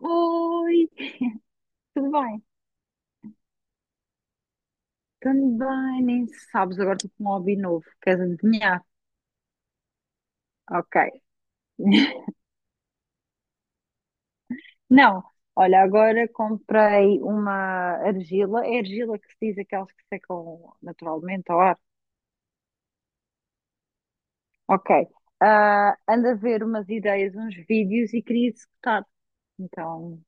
Oi, tudo bem? Tudo bem, nem sabes, agora estou com um hobby novo. Queres adivinhar? Ok. Não, olha, agora comprei uma argila. É argila que se diz aquelas que secam naturalmente ao ar. Ok. Ah, ando a ver umas ideias, uns vídeos e queria executar. Então,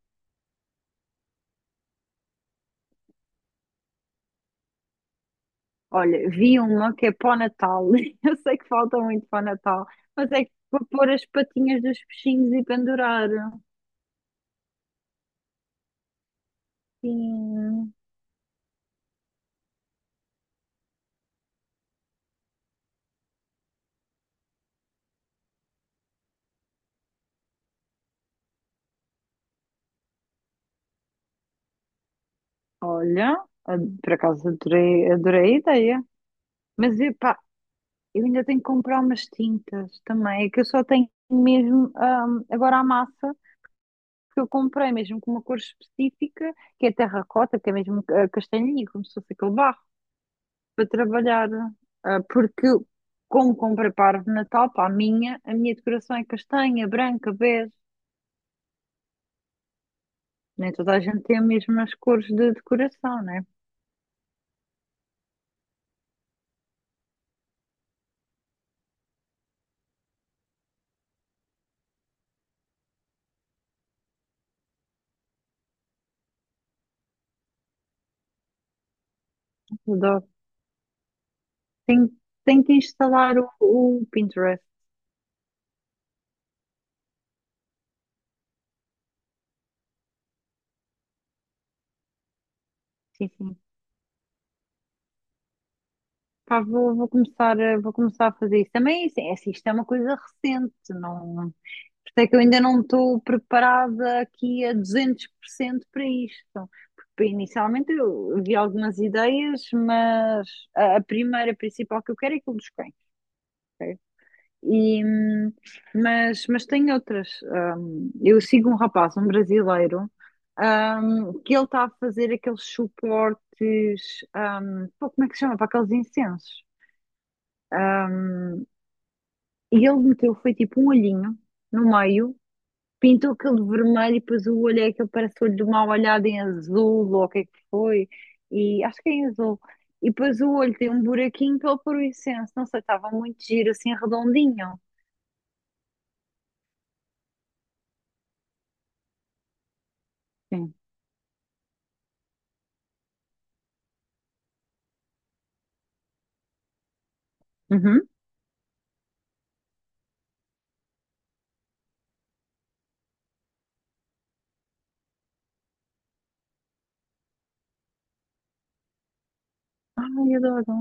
olha, vi uma que é para o Natal. Eu sei que falta muito para o Natal, mas é que vou pôr as patinhas dos peixinhos e pendurar. Sim. Olha, por acaso adorei, adorei a ideia. Mas epá, eu ainda tenho que comprar umas tintas também. É que eu só tenho mesmo agora a massa que eu comprei, mesmo com uma cor específica, que é terracota, que é mesmo castanhinho, como se fosse aquele barro, para trabalhar. Ah, porque, como comprei parvo de Natal, para a minha decoração é castanha, branca, bege. Nem toda a gente tem as mesmas cores de decoração, né? Adoro. Tenho, tenho que instalar o Pinterest. Sim, sim. Pá, vou começar, vou começar a fazer isso. Também, assim, é assim, isto é uma coisa recente, não. Por isso é que eu ainda não estou preparada aqui a 200% para isto. Então, porque inicialmente eu vi algumas ideias, mas a primeira, a principal que eu quero é aquilo dos cães, ok? E, mas tem outras. Eu sigo um rapaz, um brasileiro, que ele está a fazer aqueles suportes, pô, como é que se chama? Para aqueles incensos. E ele meteu, foi tipo um olhinho no meio, pintou aquele vermelho e depois o olho é aquele parece o olho de uma olhada em azul, ou o que é que foi, e acho que é em azul. E depois o olho tem um buraquinho pela fluorescência, não sei, estava muito giro, assim, redondinho. Sim. Uhum. Ai, adoro.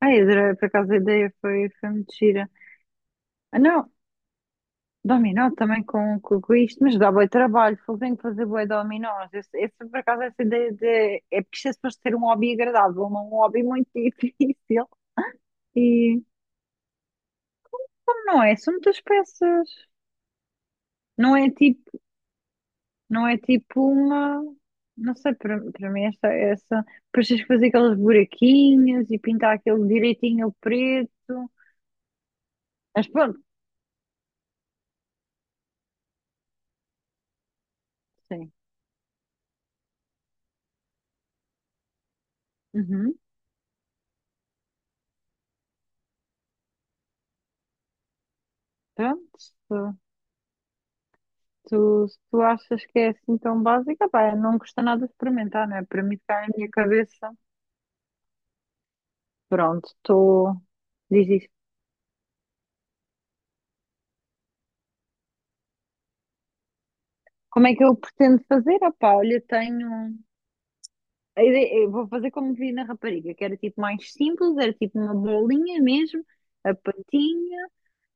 Ai, adorei, por acaso a ideia foi muito gira. Ah, não, dominó também com isto, mas dá boi trabalho, fogo tenho que fazer boi dominós. Esse, por acaso, essa ideia de. É porque isto é suposto ser um hobby agradável, não um hobby muito difícil. E não é, são muitas peças. Não é tipo, não é tipo uma. Não sei, para mim, essa. Depois tens que fazer aqueles buraquinhos e pintar aquele direitinho preto. Mas pronto, sim. Uhum. Pronto. Se tu achas que é assim tão básica, pá, não custa nada experimentar, não é? Para mim está na minha cabeça. Pronto, estou. Diz isso. Como é que eu pretendo fazer? Ah, pá, olha, tenho. Eu vou fazer como vi na rapariga, que era tipo mais simples, era tipo uma bolinha mesmo, a patinha,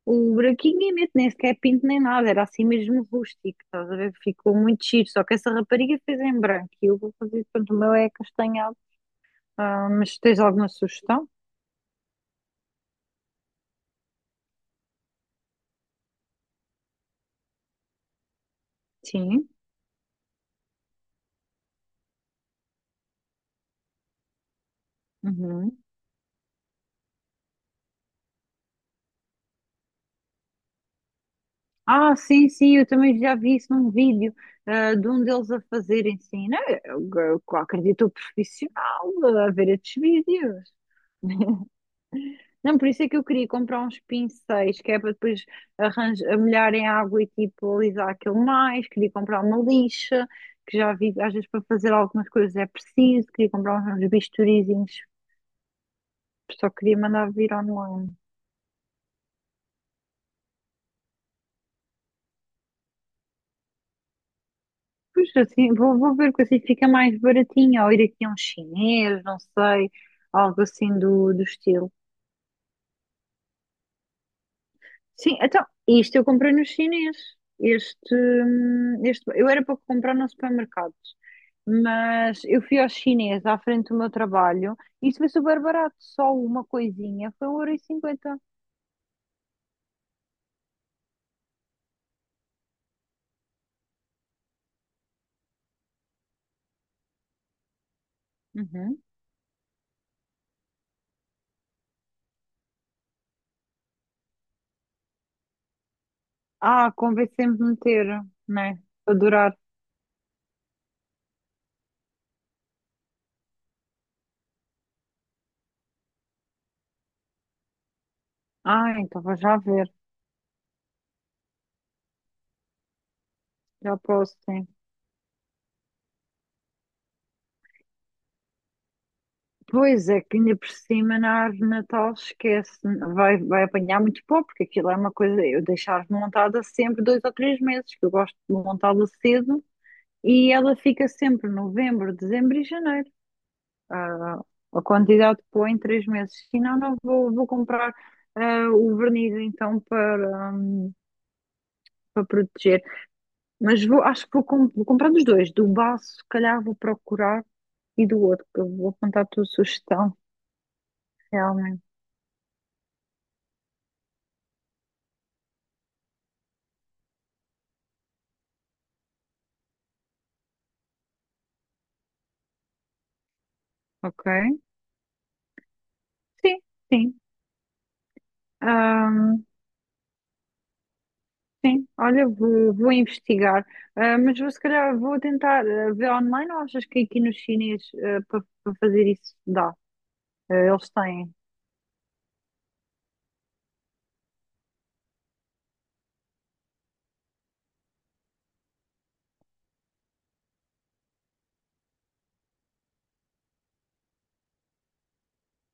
o buraquinho e meto, nem sequer pinto nem nada, era assim mesmo rústico, estás a ver? Ficou muito giro, só que essa rapariga fez em branco e eu vou fazer, pronto, o meu é castanhado. Ah, mas tens alguma sugestão? Sim. Uhum. Ah, sim, sim, eu também já vi isso num vídeo, de um deles a fazerem sim né? Eu acredito o profissional a ver estes vídeos. Não, por isso é que eu queria comprar uns pincéis, que é para depois arranjar, molhar em água e tipo alisar aquilo mais. Queria comprar uma lixa, que já vi, às vezes para fazer algumas coisas é preciso. Queria comprar uns bisturizinhos, só queria mandar vir online. Pois assim, vou ver que assim fica mais baratinho, ou ir aqui a um chinês, não sei, algo assim do estilo. Sim, então, isto eu comprei no chinês. Este, eu era para comprar no supermercado, mas eu fui ao chinês à frente do meu trabalho e isso foi super barato, só uma coisinha, foi um 1,50€. Uhum. Ah, convém sempre meter, né? Para durar. Ah, então vou já ver, já posso, sim. Pois é, que ainda por cima na árvore de Natal esquece, vai apanhar muito pó, porque aquilo é uma coisa, eu deixo a árvore montada sempre 2 ou 3 meses, que eu gosto de montá-la cedo, e ela fica sempre novembro, dezembro e janeiro. Ah, a quantidade de pó em 3 meses. Se não, não vou comprar o verniz então para proteger. Mas vou, acho que vou, vou comprar dos dois, do baço, se calhar vou procurar, e do outro, que eu vou apontar a tua sugestão, realmente, ok? Sim, sim. Ahm, sim, olha, vou investigar. Ah, mas vou, se calhar vou tentar ver online ou achas que aqui no chinês para fazer isso dá? Ah, eles têm.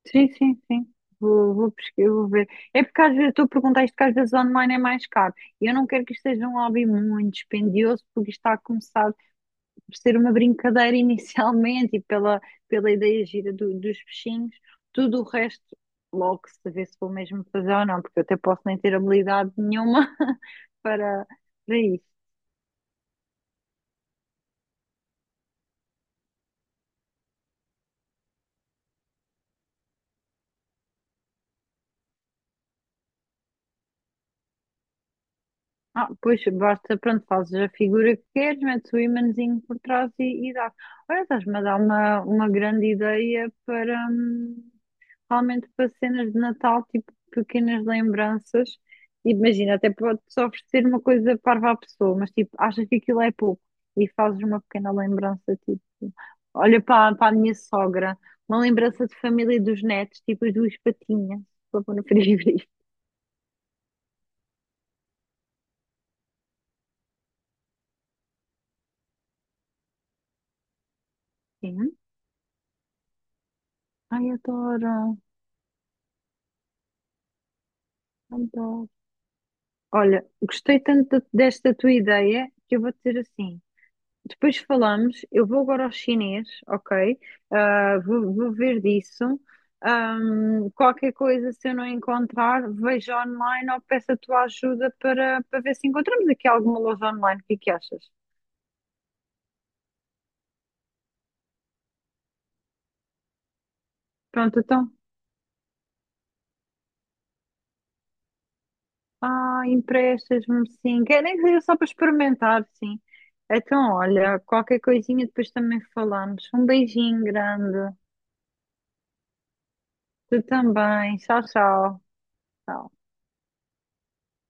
Sim, sim, sim. Vou pesquisar, vou ver. É porque às vezes tu perguntaste que às vezes online é mais caro. E eu não quero que isto seja um hobby muito dispendioso, porque isto está a começar por ser uma brincadeira inicialmente e pela ideia gira dos peixinhos, tudo o resto logo se vê se vou mesmo fazer ou não, porque eu até posso nem ter habilidade nenhuma para, para isso. Ah, pois basta, pronto, fazes a figura que queres, metes o imãzinho por trás e dá. Olha, estás-me a dar uma grande ideia para, realmente para cenas de Natal, tipo pequenas lembranças. Imagina, até pode-se oferecer uma coisa parva à pessoa, mas tipo, achas que aquilo é pouco e fazes uma pequena lembrança, tipo, olha para a minha sogra, uma lembrança de família e dos netos, tipo as duas patinhas, para pôr no frigorífico. Sim. Ai, adoro, adoro. Olha, gostei tanto desta tua ideia que eu vou dizer assim. Depois falamos. Eu vou agora ao chinês, ok? Ah, vou ver disso. Qualquer coisa, se eu não encontrar, vejo online ou peço a tua ajuda para ver se encontramos aqui alguma loja online. O que é que achas? Pronto, então. Ah, emprestas-me sim. Quer nem que seja só para experimentar, sim. Então, olha, qualquer coisinha depois também falamos. Um beijinho grande. Tu também. Tchau, tchau. Tchau.